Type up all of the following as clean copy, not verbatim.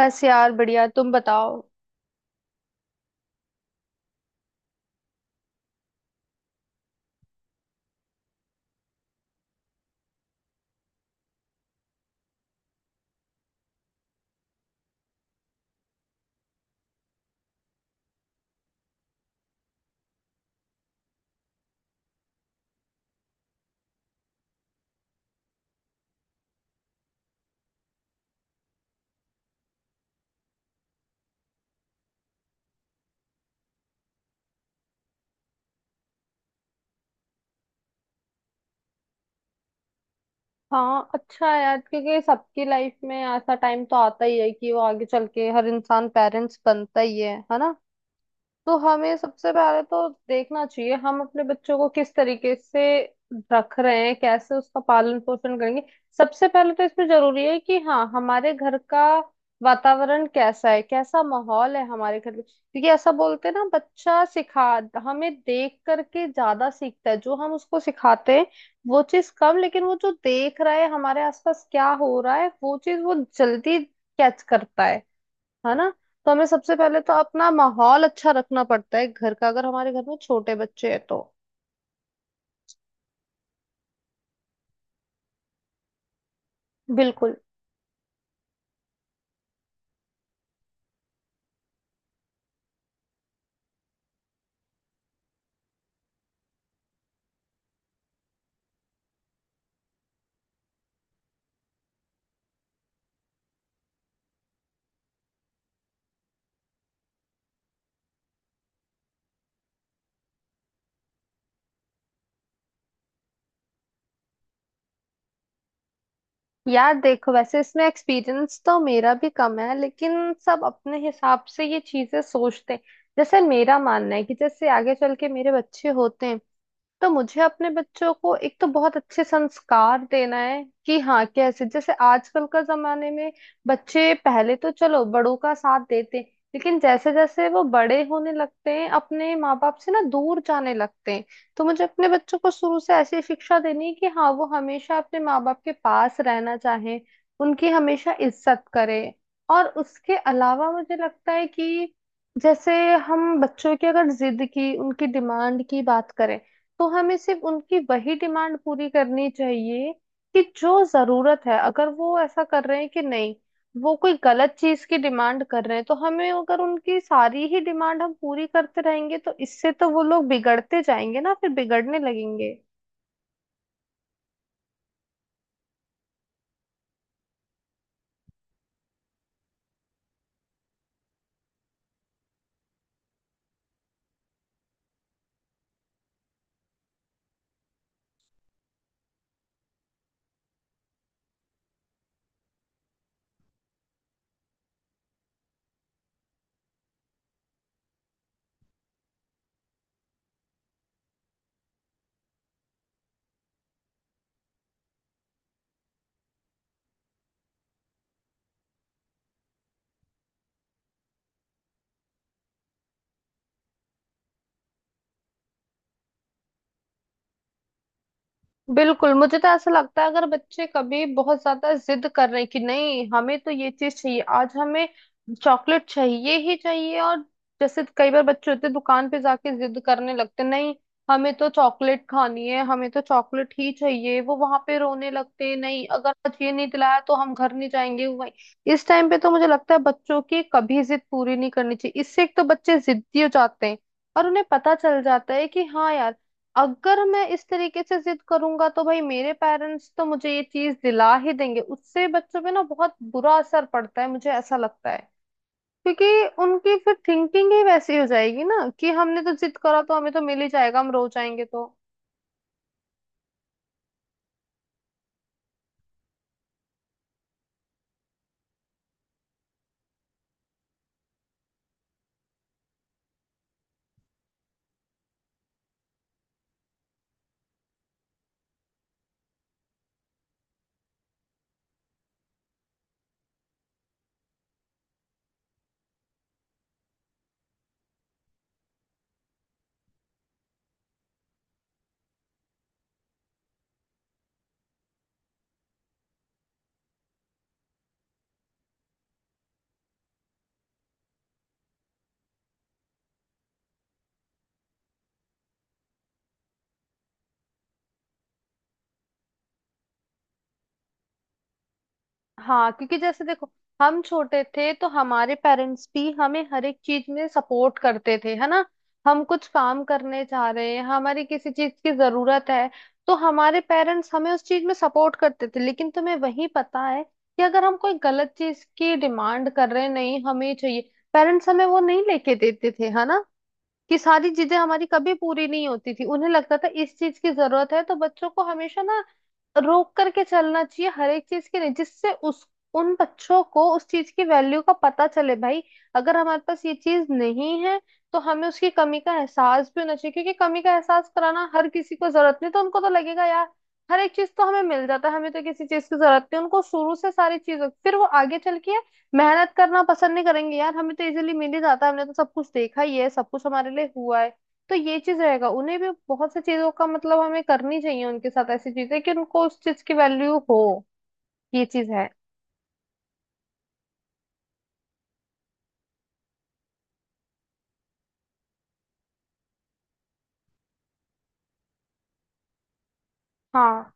बस यार बढ़िया। तुम बताओ। हाँ, अच्छा है यार, क्योंकि सबकी लाइफ में ऐसा टाइम तो आता ही है कि वो आगे चल के हर इंसान पेरेंट्स बनता ही है ना। तो हमें सबसे पहले तो देखना चाहिए हम अपने बच्चों को किस तरीके से रख रहे हैं, कैसे उसका पालन पोषण करेंगे। सबसे पहले तो इसमें जरूरी है कि हाँ, हमारे घर का वातावरण कैसा है, कैसा माहौल है हमारे घर में, क्योंकि ऐसा बोलते हैं ना बच्चा सिखा हमें देख करके ज्यादा सीखता है। जो हम उसको सिखाते हैं वो चीज कम, लेकिन वो जो देख रहा है हमारे आसपास क्या हो रहा है वो चीज वो जल्दी कैच करता है ना। तो हमें सबसे पहले तो अपना माहौल अच्छा रखना पड़ता है घर का, अगर हमारे घर में छोटे बच्चे हैं तो। बिल्कुल। यार देखो, वैसे इसमें एक्सपीरियंस तो मेरा भी कम है, लेकिन सब अपने हिसाब से ये चीजें सोचते हैं। जैसे मेरा मानना है कि जैसे आगे चल के मेरे बच्चे होते हैं तो मुझे अपने बच्चों को एक तो बहुत अच्छे संस्कार देना है कि हाँ, कैसे जैसे आजकल का जमाने में बच्चे पहले तो चलो बड़ों का साथ देते हैं, लेकिन जैसे जैसे वो बड़े होने लगते हैं अपने माँ बाप से ना दूर जाने लगते हैं। तो मुझे अपने बच्चों को शुरू से ऐसी शिक्षा देनी है कि हाँ, वो हमेशा अपने माँ बाप के पास रहना चाहे, उनकी हमेशा इज्जत करे। और उसके अलावा मुझे लगता है कि जैसे हम बच्चों की अगर जिद की, उनकी डिमांड की बात करें तो हमें सिर्फ उनकी वही डिमांड पूरी करनी चाहिए कि जो जरूरत है। अगर वो ऐसा कर रहे हैं कि नहीं, वो कोई गलत चीज की डिमांड कर रहे हैं तो हमें, अगर उनकी सारी ही डिमांड हम पूरी करते रहेंगे तो इससे तो वो लोग बिगड़ते जाएंगे ना, फिर बिगड़ने लगेंगे बिल्कुल मुझे तो ऐसा लगता है अगर बच्चे कभी बहुत ज्यादा जिद कर रहे हैं कि नहीं, हमें तो ये चीज चाहिए, आज हमें चॉकलेट चाहिए ही चाहिए। और जैसे कई बार बच्चे होते हैं दुकान पे जाके जिद करने लगते हैं, नहीं हमें तो चॉकलेट खानी है, हमें तो चॉकलेट ही चाहिए। वो वहां पे रोने लगते हैं, नहीं अगर आज ये नहीं दिलाया तो हम घर नहीं जाएंगे। वही इस टाइम पे तो मुझे लगता है बच्चों की कभी जिद पूरी नहीं करनी चाहिए। इससे एक तो बच्चे जिद्दी हो जाते हैं, और उन्हें पता चल जाता है कि हाँ यार, अगर मैं इस तरीके से जिद करूंगा तो भाई मेरे पेरेंट्स तो मुझे ये चीज दिला ही देंगे। उससे बच्चों पे ना बहुत बुरा असर पड़ता है, मुझे ऐसा लगता है। क्योंकि उनकी फिर थिंकिंग ही वैसी हो जाएगी ना कि हमने तो जिद करा तो हमें तो मिल ही जाएगा, हम रो जाएंगे तो। हाँ, क्योंकि जैसे देखो, हम छोटे थे तो हमारे पेरेंट्स भी हमें हर एक चीज में सपोर्ट करते थे, है ना। हम कुछ काम करने चाह रहे हैं, हमारी किसी चीज की जरूरत है तो हमारे पेरेंट्स हमें उस चीज में सपोर्ट करते थे, लेकिन तुम्हें वही पता है कि अगर हम कोई गलत चीज की डिमांड कर रहे हैं, नहीं हमें ये चाहिए, पेरेंट्स हमें वो नहीं लेके देते थे, है ना। कि सारी चीजें हमारी कभी पूरी नहीं होती थी, उन्हें लगता था इस चीज की जरूरत है तो बच्चों को हमेशा ना रोक करके चलना चाहिए हर एक चीज के लिए, जिससे उस उन बच्चों को उस चीज की वैल्यू का पता चले। भाई अगर हमारे पास ये चीज नहीं है तो हमें उसकी कमी का एहसास भी होना चाहिए, क्योंकि कमी का एहसास कराना हर किसी को जरूरत नहीं तो उनको तो लगेगा यार हर एक चीज तो हमें मिल जाता है, हमें तो किसी चीज की जरूरत नहीं। उनको शुरू से सारी चीजों फिर वो आगे चल के मेहनत करना पसंद नहीं करेंगे, यार हमें तो इजीली मिल ही जाता है, हमने तो सब कुछ देखा ही है, सब कुछ हमारे लिए हुआ है। तो ये चीज रहेगा, उन्हें भी बहुत सी चीजों का मतलब हमें करनी चाहिए उनके साथ ऐसी चीजें कि उनको उस चीज की वैल्यू हो। ये चीज है। हाँ,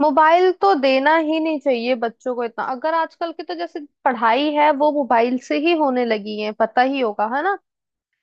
मोबाइल तो देना ही नहीं चाहिए बच्चों को इतना। अगर आजकल की तो जैसे पढ़ाई है वो मोबाइल से ही होने लगी है, पता ही होगा, है ना।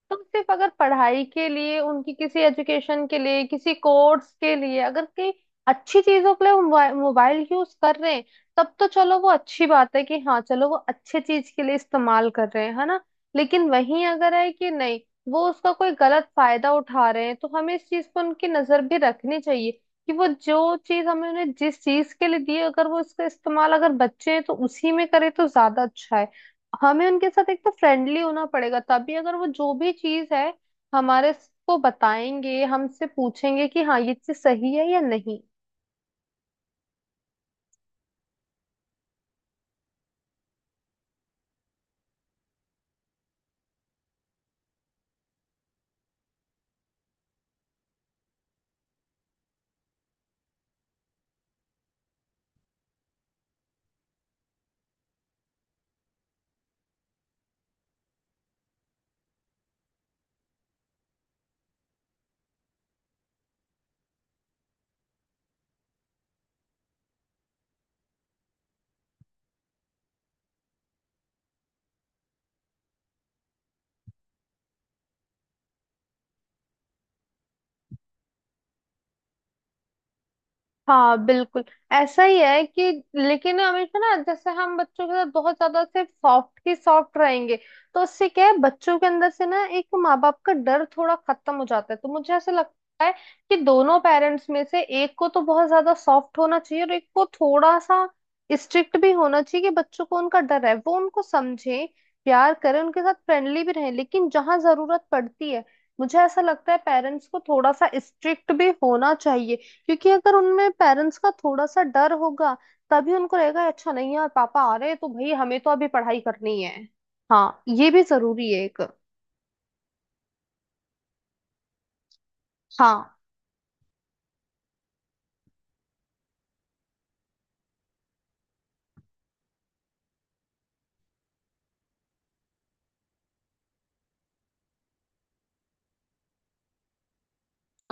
तुम सिर्फ अगर पढ़ाई के लिए, उनकी किसी एजुकेशन के लिए, किसी कोर्स के लिए, अगर कई अच्छी चीजों के लिए वो मोबाइल मोबाइल यूज कर रहे हैं तब तो चलो वो अच्छी बात है कि हाँ चलो वो अच्छे चीज के लिए इस्तेमाल कर रहे हैं, है ना। लेकिन वहीं अगर है कि नहीं, वो उसका कोई गलत फायदा उठा रहे हैं तो हमें इस चीज पर उनकी नजर भी रखनी चाहिए कि वो जो चीज हमें उन्हें जिस चीज के लिए दी है, अगर वो इसका इस्तेमाल, अगर बच्चे हैं तो उसी में करे तो ज्यादा अच्छा है। हमें उनके साथ एक तो फ्रेंडली होना पड़ेगा तभी अगर वो जो भी चीज है हमारे को बताएंगे, हमसे पूछेंगे कि हाँ ये चीज सही है या नहीं। हाँ बिल्कुल। ऐसा ही है कि लेकिन हमेशा ना जैसे हम बच्चों के साथ बहुत ज्यादा सिर्फ सॉफ्ट रहेंगे तो उससे क्या है बच्चों के अंदर से ना एक माँ बाप का डर थोड़ा खत्म हो जाता है, तो मुझे ऐसा लगता है कि दोनों पेरेंट्स में से एक को तो बहुत ज्यादा सॉफ्ट होना चाहिए और एक को थोड़ा सा स्ट्रिक्ट भी होना चाहिए, कि बच्चों को उनका डर है, वो उनको समझे, प्यार करें, उनके साथ फ्रेंडली भी रहें, लेकिन जहां जरूरत पड़ती है मुझे ऐसा लगता है पेरेंट्स को थोड़ा सा स्ट्रिक्ट भी होना चाहिए। क्योंकि अगर उनमें पेरेंट्स का थोड़ा सा डर होगा तभी उनको रहेगा, अच्छा नहीं यार, पापा आ रहे हैं तो भाई हमें तो अभी पढ़ाई करनी है। हाँ, ये भी जरूरी है एक। हाँ।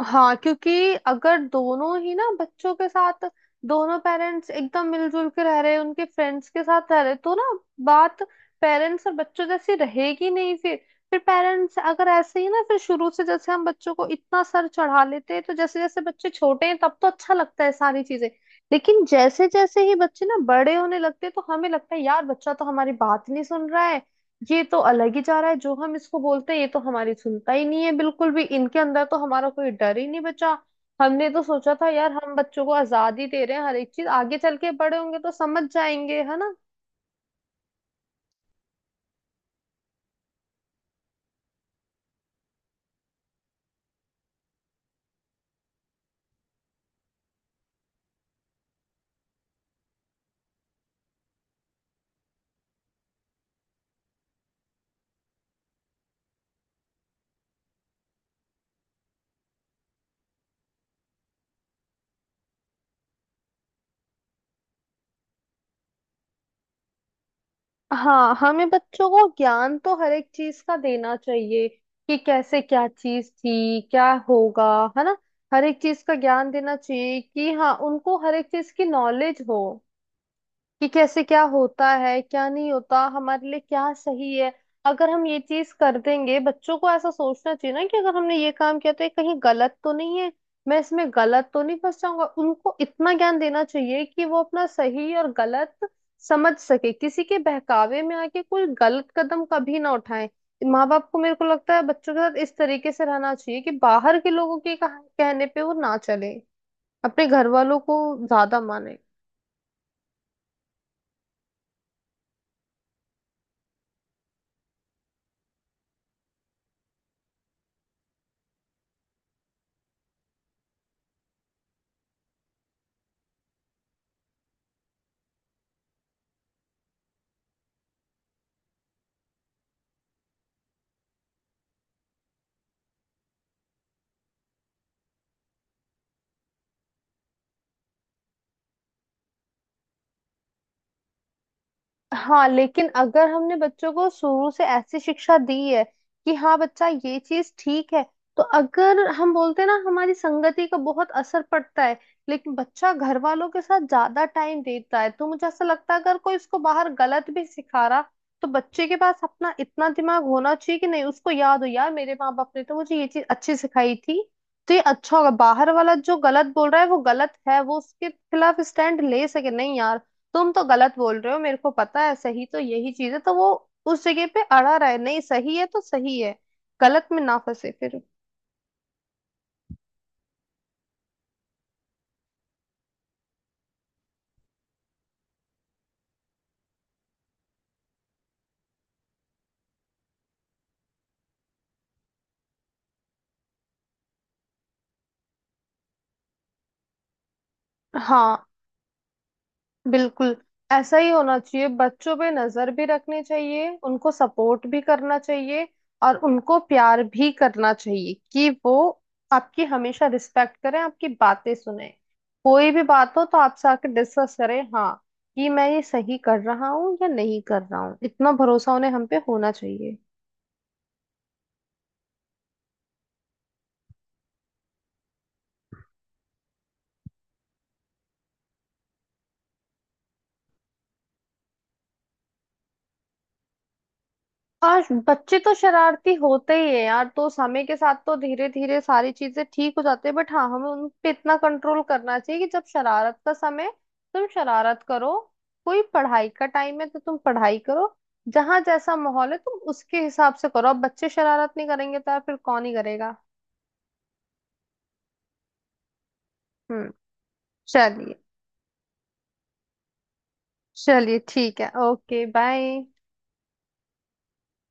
हाँ क्योंकि अगर दोनों ही ना बच्चों के साथ दोनों पेरेंट्स एकदम मिलजुल के रह रहे, उनके फ्रेंड्स के साथ रह रहे तो ना बात पेरेंट्स और बच्चों जैसी रहेगी नहीं। फिर पेरेंट्स अगर ऐसे ही ना, फिर शुरू से जैसे हम बच्चों को इतना सर चढ़ा लेते हैं तो जैसे जैसे बच्चे छोटे हैं तब तो अच्छा लगता है सारी चीजें, लेकिन जैसे जैसे ही बच्चे ना बड़े होने लगते हैं तो हमें लगता है यार बच्चा तो हमारी बात नहीं सुन रहा है, ये तो अलग ही जा रहा है, जो हम इसको बोलते हैं ये तो हमारी सुनता ही नहीं है बिल्कुल भी, इनके अंदर तो हमारा कोई डर ही नहीं बचा। हमने तो सोचा था यार हम बच्चों को आजादी दे रहे हैं हर एक चीज, आगे चल के बड़े होंगे तो समझ जाएंगे, है ना। हाँ, हमें बच्चों को ज्ञान तो हर एक चीज का देना चाहिए कि कैसे क्या चीज थी, क्या होगा, है ना। हर एक चीज का ज्ञान देना चाहिए कि हाँ उनको हर एक चीज की नॉलेज हो कि कैसे क्या होता है, क्या नहीं होता, हमारे लिए क्या सही है। अगर हम ये चीज कर देंगे, बच्चों को ऐसा सोचना चाहिए ना कि अगर हमने ये काम किया तो ये कहीं गलत तो नहीं है, मैं इसमें गलत तो नहीं फंस जाऊंगा। उनको इतना ज्ञान देना चाहिए कि वो अपना सही और गलत समझ सके, किसी के बहकावे में आके कोई गलत कदम कभी ना उठाए। माँ बाप को मेरे को लगता है बच्चों के साथ इस तरीके से रहना चाहिए कि बाहर के लोगों के कहने पे वो ना चले, अपने घर वालों को ज्यादा माने। हाँ, लेकिन अगर हमने बच्चों को शुरू से ऐसी शिक्षा दी है कि हाँ बच्चा ये चीज ठीक है, तो अगर हम बोलते हैं ना हमारी संगति का बहुत असर पड़ता है, लेकिन बच्चा घर वालों के साथ ज्यादा टाइम देता है तो मुझे ऐसा लगता है अगर कोई इसको बाहर गलत भी सिखा रहा तो बच्चे के पास अपना इतना दिमाग होना चाहिए कि नहीं, उसको याद हो यार मेरे माँ बाप ने तो मुझे ये चीज अच्छी सिखाई थी, तो ये अच्छा होगा। बाहर वाला जो गलत बोल रहा है वो गलत है, वो उसके खिलाफ स्टैंड ले सके, नहीं यार तुम तो गलत बोल रहे हो, मेरे को पता है सही तो यही चीज है, तो वो उस जगह पे अड़ा रहा है नहीं, सही है तो सही है, गलत में ना फंसे फिर। हाँ बिल्कुल, ऐसा ही होना चाहिए। बच्चों पे नजर भी रखनी चाहिए, उनको सपोर्ट भी करना चाहिए और उनको प्यार भी करना चाहिए कि वो आपकी हमेशा रिस्पेक्ट करें, आपकी बातें सुने, कोई भी बात हो तो आपसे आके डिस्कस करें। हाँ, कि मैं ये सही कर रहा हूँ या नहीं कर रहा हूँ, इतना भरोसा उन्हें हम पे होना चाहिए। आज बच्चे तो शरारती होते ही है यार, तो समय के साथ तो धीरे धीरे सारी चीजें ठीक हो जाती है, बट हाँ हमें उन पे इतना कंट्रोल करना चाहिए कि जब शरारत का समय है, तुम शरारत करो, कोई पढ़ाई का टाइम है तो तुम पढ़ाई करो, जहां जैसा माहौल है तुम उसके हिसाब से करो। अब बच्चे शरारत नहीं करेंगे तो यार फिर कौन ही करेगा। हम्म। चलिए। चलिए ठीक है। Okay, bye.